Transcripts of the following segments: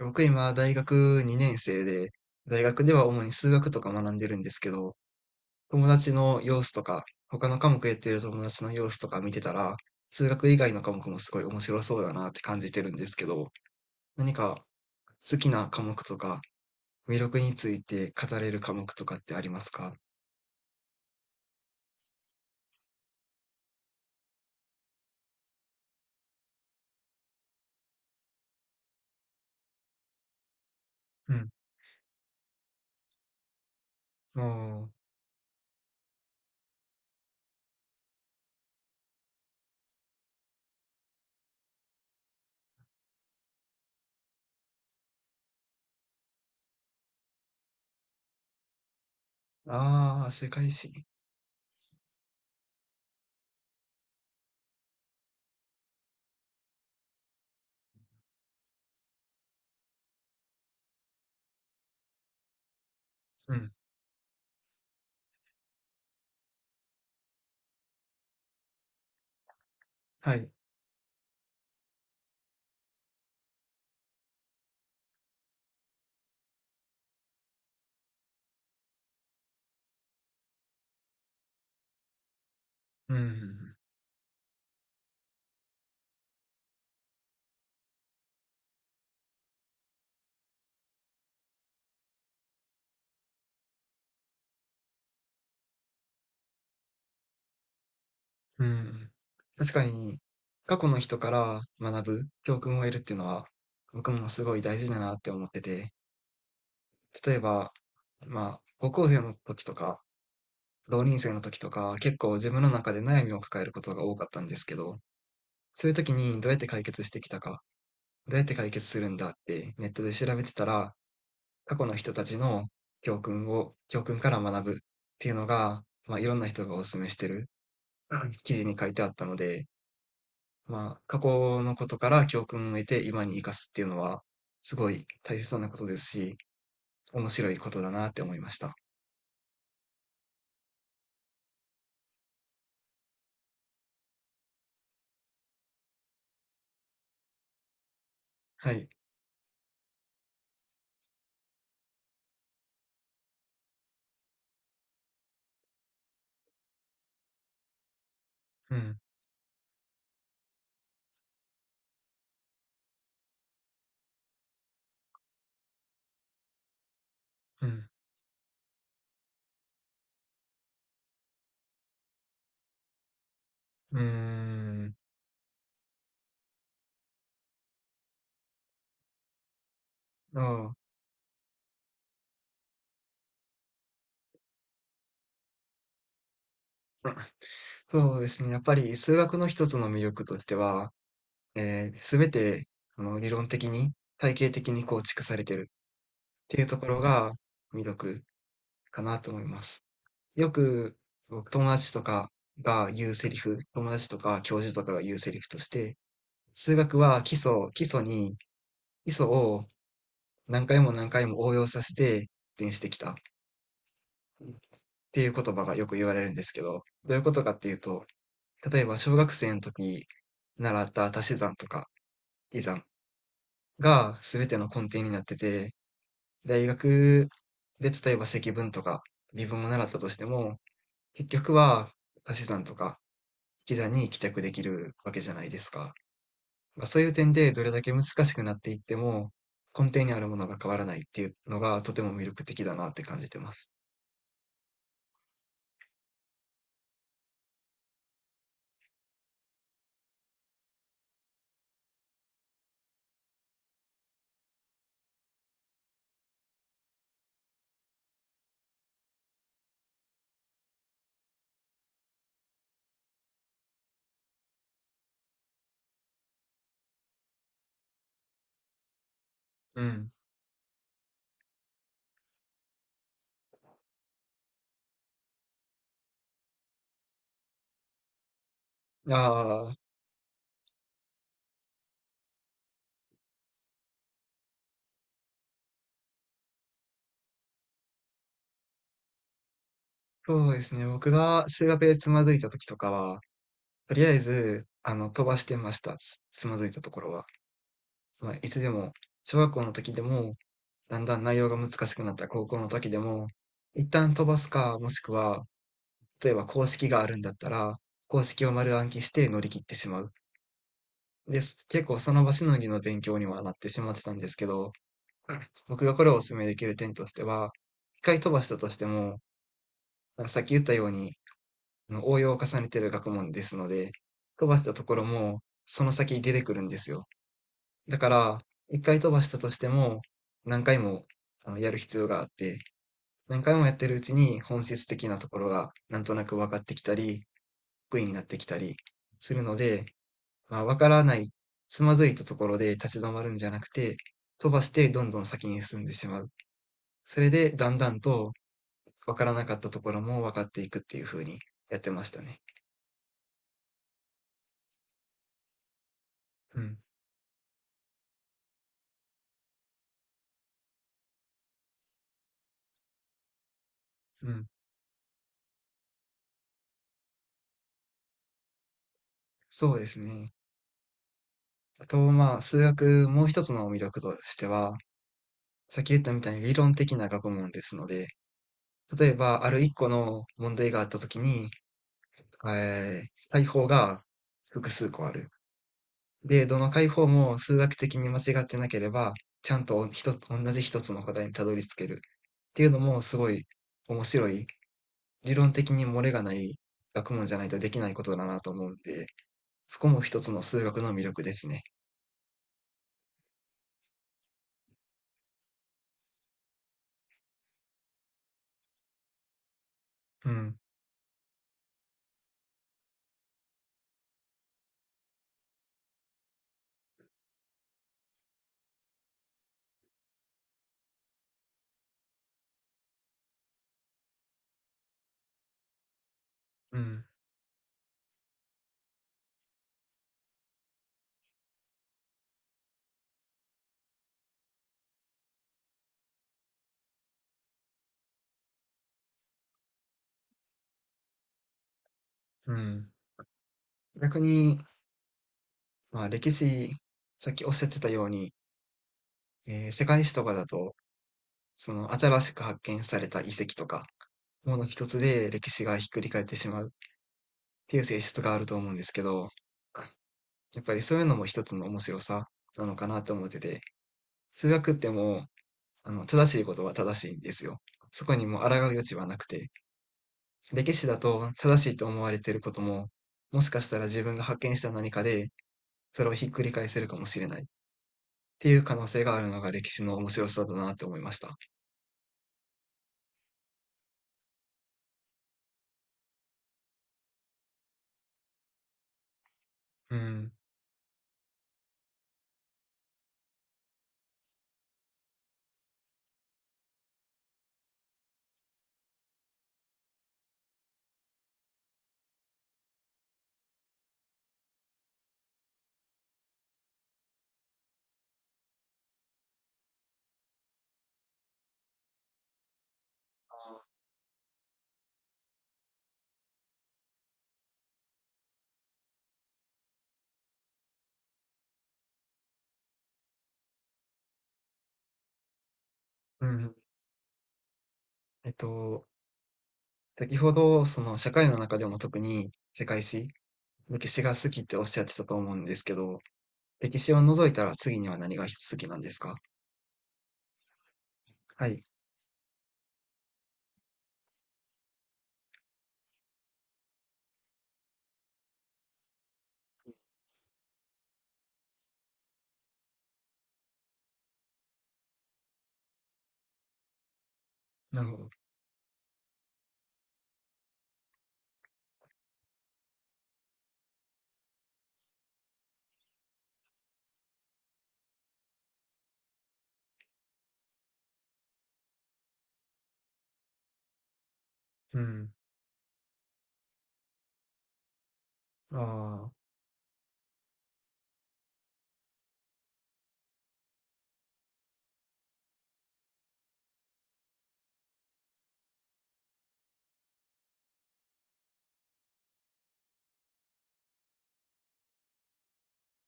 僕今大学2年生で、大学では主に数学とか学んでるんですけど、友達の様子とか、他の科目やってる友達の様子とか見てたら、数学以外の科目もすごい面白そうだなって感じてるんですけど、何か好きな科目とか、魅力について語れる科目とかってありますか？うん。おー。ああ、世界史。うん。はい。うん。うん。確かに、過去の人から学ぶ教訓を得るっていうのは、僕もすごい大事だなって思ってて、例えば、まあ、高校生の時とか、同人生の時とか、結構自分の中で悩みを抱えることが多かったんですけど、そういう時にどうやって解決してきたか、どうやって解決するんだってネットで調べてたら、過去の人たちの教訓から学ぶっていうのが、まあ、いろんな人がお勧めしてるうん記事に書いてあったので、まあ、過去のことから教訓を得て今に生かすっていうのは、すごい大切なことですし、面白いことだなって思いました。はい。うん、うん、うーん。ああ。そうですね。やっぱり数学の一つの魅力としては、すべて、理論的に、体系的に構築されてるっていうところが魅力かなと思います。よく、僕友達とかが言うセリフ、友達とか教授とかが言うセリフとして、数学は基礎を何回も何回も応用させて発展してきたっていう言葉がよく言われるんですけど、どういうことかっていうと、例えば小学生の時習った足し算とか引き算が全ての根底になってて、大学で例えば積分とか微分も習ったとしても、結局は足し算とか引き算に帰着できるわけじゃないですか。まあ、そういう点でどれだけ難しくなっていっても、根底にあるものが変わらないっていうのがとても魅力的だなって感じてます。うん。ああ、そうですね。僕が数学でつまずいた時とかは、とりあえず、飛ばしてました。つまずいたところは。まあ、いつでも、小学校の時でも、だんだん内容が難しくなった高校の時でも、一旦飛ばすか、もしくは、例えば公式があるんだったら、公式を丸暗記して乗り切ってしまう。です。結構その場しのぎの勉強にはなってしまってたんですけど、僕がこれをお勧めできる点としては、一回飛ばしたとしても、さっき言ったように、あの応用を重ねてる学問ですので、飛ばしたところもその先出てくるんですよ。だから、一回飛ばしたとしても、何回もやる必要があって、何回もやってるうちに本質的なところがなんとなく分かってきたり、得意になってきたりするので、まあ、わからない、つまずいたところで立ち止まるんじゃなくて、飛ばしてどんどん先に進んでしまう。それで、だんだんと、わからなかったところも分かっていくっていう風にやってましたね。うん、うん。そうですね。あと、まあ、数学、もう一つの魅力としては、さっき言ったみたいに理論的な学問ですので、例えば、ある一個の問題があったときに、対法が複数個ある。で、どの解法も数学的に間違ってなければ、ちゃんと一つ、同じ一つの答えにたどり着けるっていうのもすごい面白い、理論的に漏れがない学問じゃないとできないことだなと思うんで、そこも一つの数学の魅力ですね。うん。うん、うん。逆に、まあ歴史、さっきおっしゃってたように、世界史とかだと、その新しく発見された遺跡とか、もの一つで歴史がひっくり返ってしまうっていう性質があると思うんですけど、やっぱりそういうのも一つの面白さなのかなと思ってて、数学ってもう、正しいことは正しいんですよ。そこにもう抗う余地はなくて、歴史だと正しいと思われていることも、もしかしたら自分が発見した何かで、それをひっくり返せるかもしれないっていう可能性があるのが歴史の面白さだなと思いました。うん。うん。えっと、先ほど、その社会の中でも特に世界史、歴史が好きっておっしゃってたと思うんですけど、歴史を除いたら次には何が好きなんですか？はい。なるほど。うん。ああ、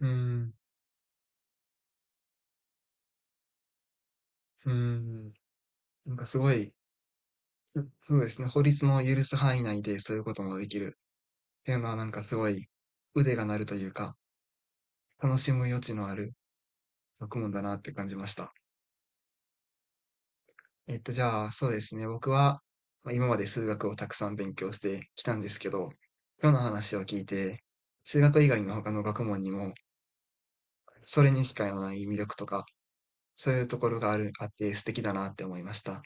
うん、うん。なんかすごい、うそうですね、法律の許す範囲内でそういうこともできるっていうのはなんかすごい腕が鳴るというか、楽しむ余地のある学問だなって感じました。じゃあそうですね、僕は、まあ、今まで数学をたくさん勉強してきたんですけど、今日の話を聞いて、数学以外の他の学問にも、それにしかない魅力とか、そういうところがあって素敵だなって思いました。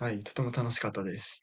はい、とても楽しかったです。